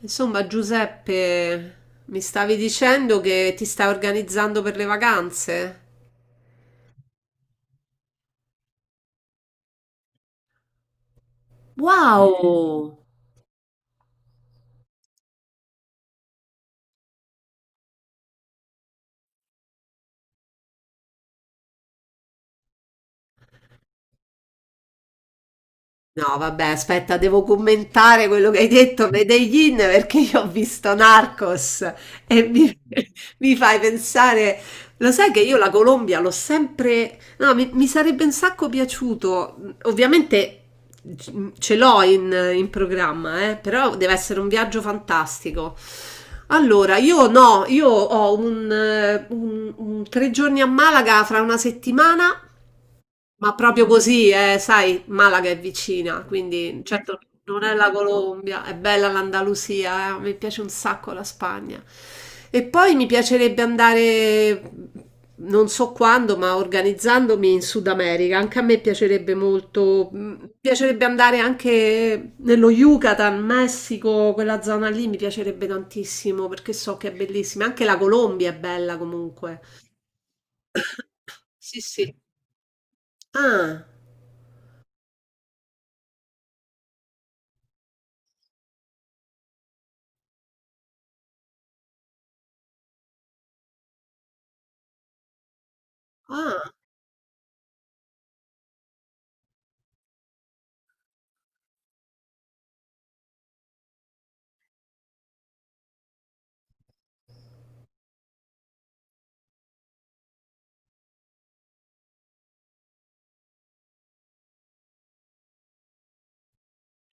Insomma, Giuseppe, mi stavi dicendo che ti stai organizzando per le vacanze? Wow! No, vabbè, aspetta, devo commentare quello che hai detto, Medellin, perché io ho visto Narcos e mi fai pensare, lo sai che io la Colombia l'ho sempre... No, mi sarebbe un sacco piaciuto, ovviamente c- ce l'ho in programma, però deve essere un viaggio fantastico. Allora, io no, io ho un tre giorni a Malaga fra una settimana. Ma proprio così, sai, Malaga è vicina, quindi certo non è la Colombia, è bella l'Andalusia, mi piace un sacco la Spagna. E poi mi piacerebbe andare, non so quando, ma organizzandomi in Sud America, anche a me piacerebbe molto, mi piacerebbe andare anche nello Yucatan, Messico, quella zona lì mi piacerebbe tantissimo perché so che è bellissima, anche la Colombia è bella comunque. Sì, sì. Ah, ah,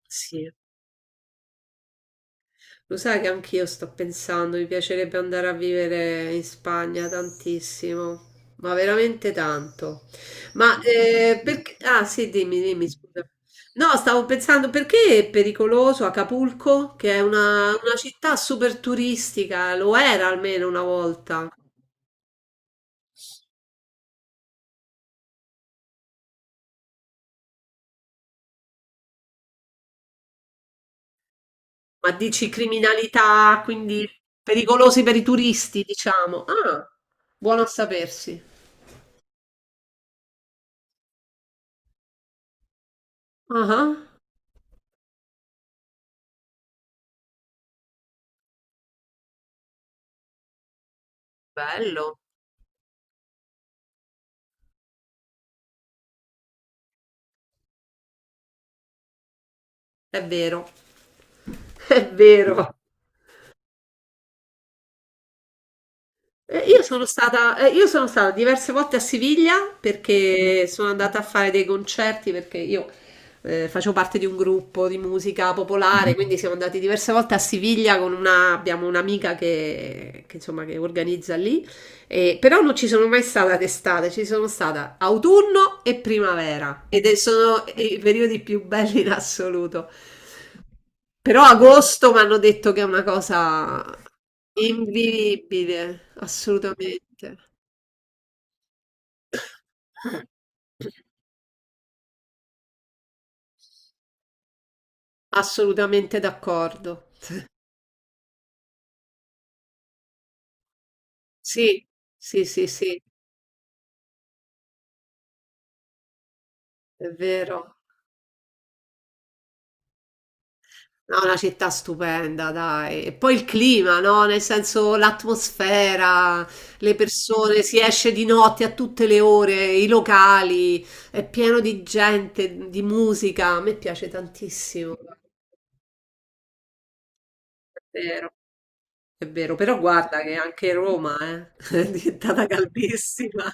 sì. Lo sai che anch'io sto pensando, mi piacerebbe andare a vivere in Spagna tantissimo, ma veramente tanto. Ma perché... Ah sì, dimmi, dimmi, scusa. No, stavo pensando perché è pericoloso Acapulco, che è una città super turistica, lo era almeno una volta, ma dici criminalità, quindi pericolosi per i turisti, diciamo. Ah, buono a sapersi. Ah, bello, è vero, è vero. Io sono stata diverse volte a Siviglia perché sono andata a fare dei concerti perché io facevo parte di un gruppo di musica popolare, quindi siamo andati diverse volte a Siviglia con una, abbiamo un'amica che, insomma, che organizza lì però non ci sono mai stata d'estate, ci sono stata autunno e primavera sono i periodi più belli in assoluto. Però agosto mi hanno detto che è una cosa invivibile, assolutamente. Assolutamente d'accordo. Sì, sì, sì, sì, è vero. No, una città stupenda, dai. E poi il clima, no? Nel senso l'atmosfera, le persone, si esce di notte a tutte le ore, i locali, è pieno di gente, di musica. A me piace tantissimo, è vero, è vero. Però guarda che anche Roma, è diventata caldissima.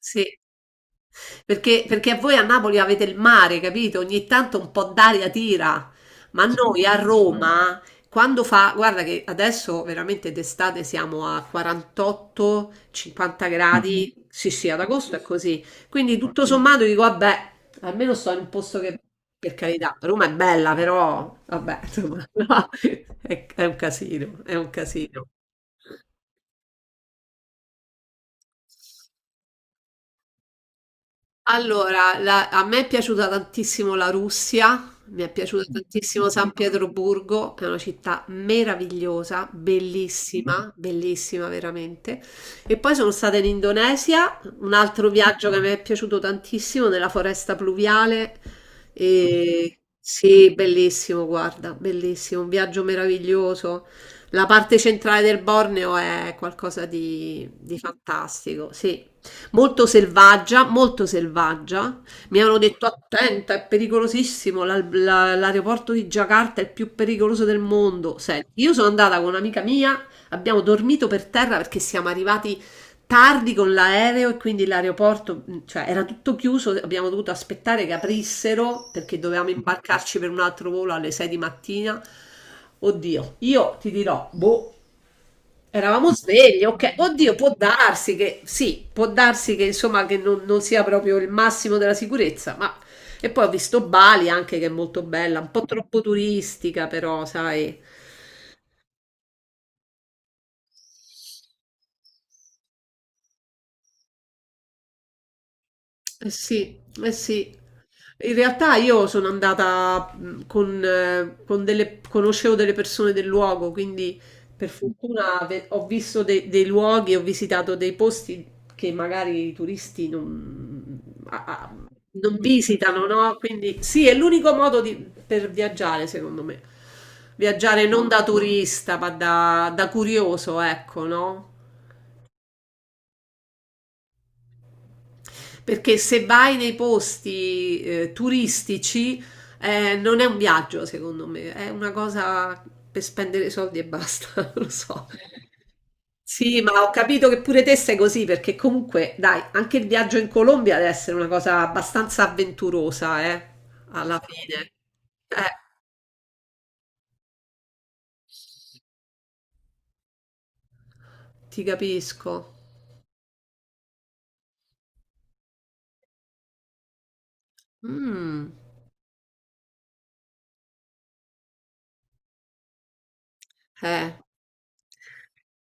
Sì. Perché, perché voi a Napoli avete il mare, capito? Ogni tanto un po' d'aria tira, ma noi a Roma, quando fa, guarda che adesso veramente d'estate siamo a 48-50 gradi, sì sì, ad agosto è così, quindi tutto sommato dico, vabbè, almeno sto in un posto che, per carità, Roma è bella, però, vabbè, insomma, no, è un casino, è un casino. Allora, a me è piaciuta tantissimo la Russia, mi è piaciuta tantissimo San Pietroburgo, che è una città meravigliosa, bellissima, bellissima veramente. E poi sono stata in Indonesia, un altro viaggio che mi è piaciuto tantissimo, nella foresta pluviale. E sì, bellissimo, guarda, bellissimo, un viaggio meraviglioso. La parte centrale del Borneo è qualcosa di fantastico, sì molto selvaggia, molto selvaggia. Mi hanno detto attenta, è pericolosissimo, l'aeroporto di Jakarta è il più pericoloso del mondo. Senti, io sono andata con un'amica mia, abbiamo dormito per terra perché siamo arrivati tardi con l'aereo e quindi l'aeroporto, cioè era tutto chiuso, abbiamo dovuto aspettare che aprissero perché dovevamo imbarcarci per un altro volo alle 6 di mattina. Oddio, io ti dirò, boh, eravamo svegli, ok. Oddio, può darsi che sì, può darsi che insomma che non sia proprio il massimo della sicurezza, ma e poi ho visto Bali anche che è molto bella, un po' troppo turistica, però, sai. Eh sì, eh sì. In realtà io sono andata con delle, conoscevo delle persone del luogo, quindi per fortuna ho visto dei luoghi, ho visitato dei posti che magari i turisti non, a- a- non visitano, no? Quindi sì, è l'unico per viaggiare, secondo me. Viaggiare non da turista, ma da curioso, ecco, no? Perché se vai nei posti, turistici, non è un viaggio secondo me, è una cosa per spendere soldi e basta, non lo so. Sì, ma ho capito che pure te sei così, perché comunque, dai, anche il viaggio in Colombia deve essere una cosa abbastanza avventurosa, alla fine. Eh, ti capisco. Mm, eh.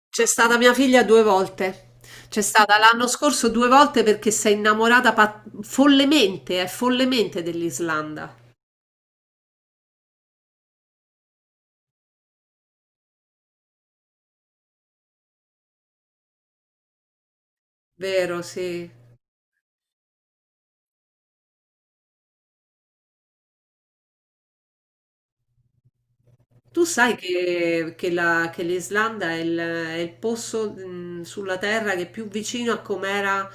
C'è stata mia figlia 2 volte. C'è stata l'anno scorso 2 volte perché follemente, follemente dell'Islanda. Vero, sì. Tu sai che l'Islanda è è il posto sulla Terra che è più vicino a com'era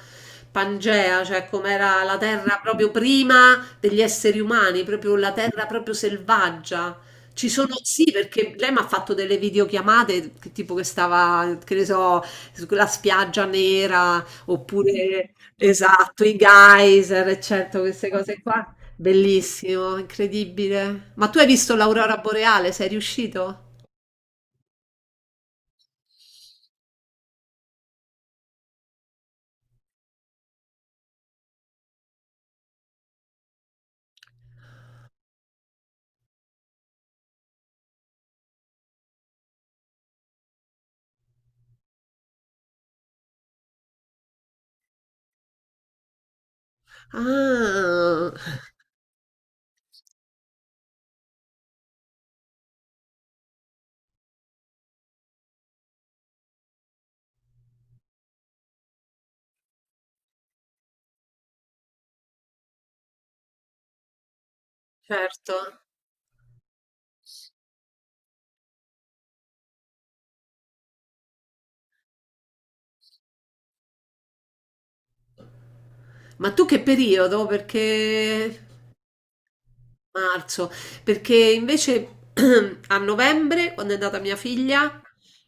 Pangea, cioè com'era la Terra proprio prima degli esseri umani, proprio la Terra proprio selvaggia. Ci sono, sì, perché lei mi ha fatto delle videochiamate che tipo che stava, che ne so, sulla spiaggia nera, oppure, esatto, i geyser, eccetera, queste cose qua. Bellissimo, incredibile. Ma tu hai visto l'aurora boreale? Sei riuscito? Ah, certo. Ma tu che periodo? Perché marzo? Perché invece a novembre, quando è nata mia figlia,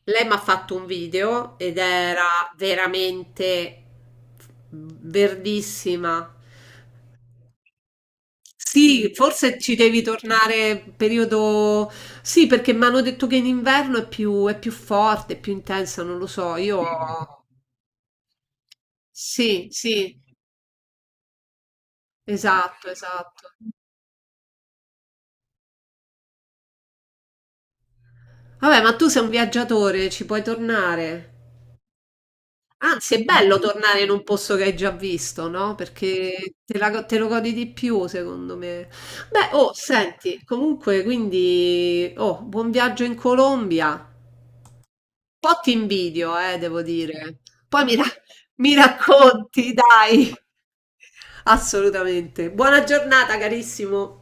lei mi ha fatto un video ed era veramente verdissima. Sì, forse ci devi tornare periodo... Sì, perché mi hanno detto che in inverno è è più forte, è più intensa, non lo so. Io... Sì, sì, esatto, esatto. Vabbè, ma tu sei un viaggiatore, ci puoi tornare. Anzi, è bello tornare in un posto che hai già visto, no? Perché te, te lo godi di più, secondo me. Beh, oh, senti, comunque, quindi, oh, buon viaggio in Colombia. Po' ti invidio, devo dire. Poi mi ra- mi racconti, dai. Assolutamente. Buona giornata, carissimo.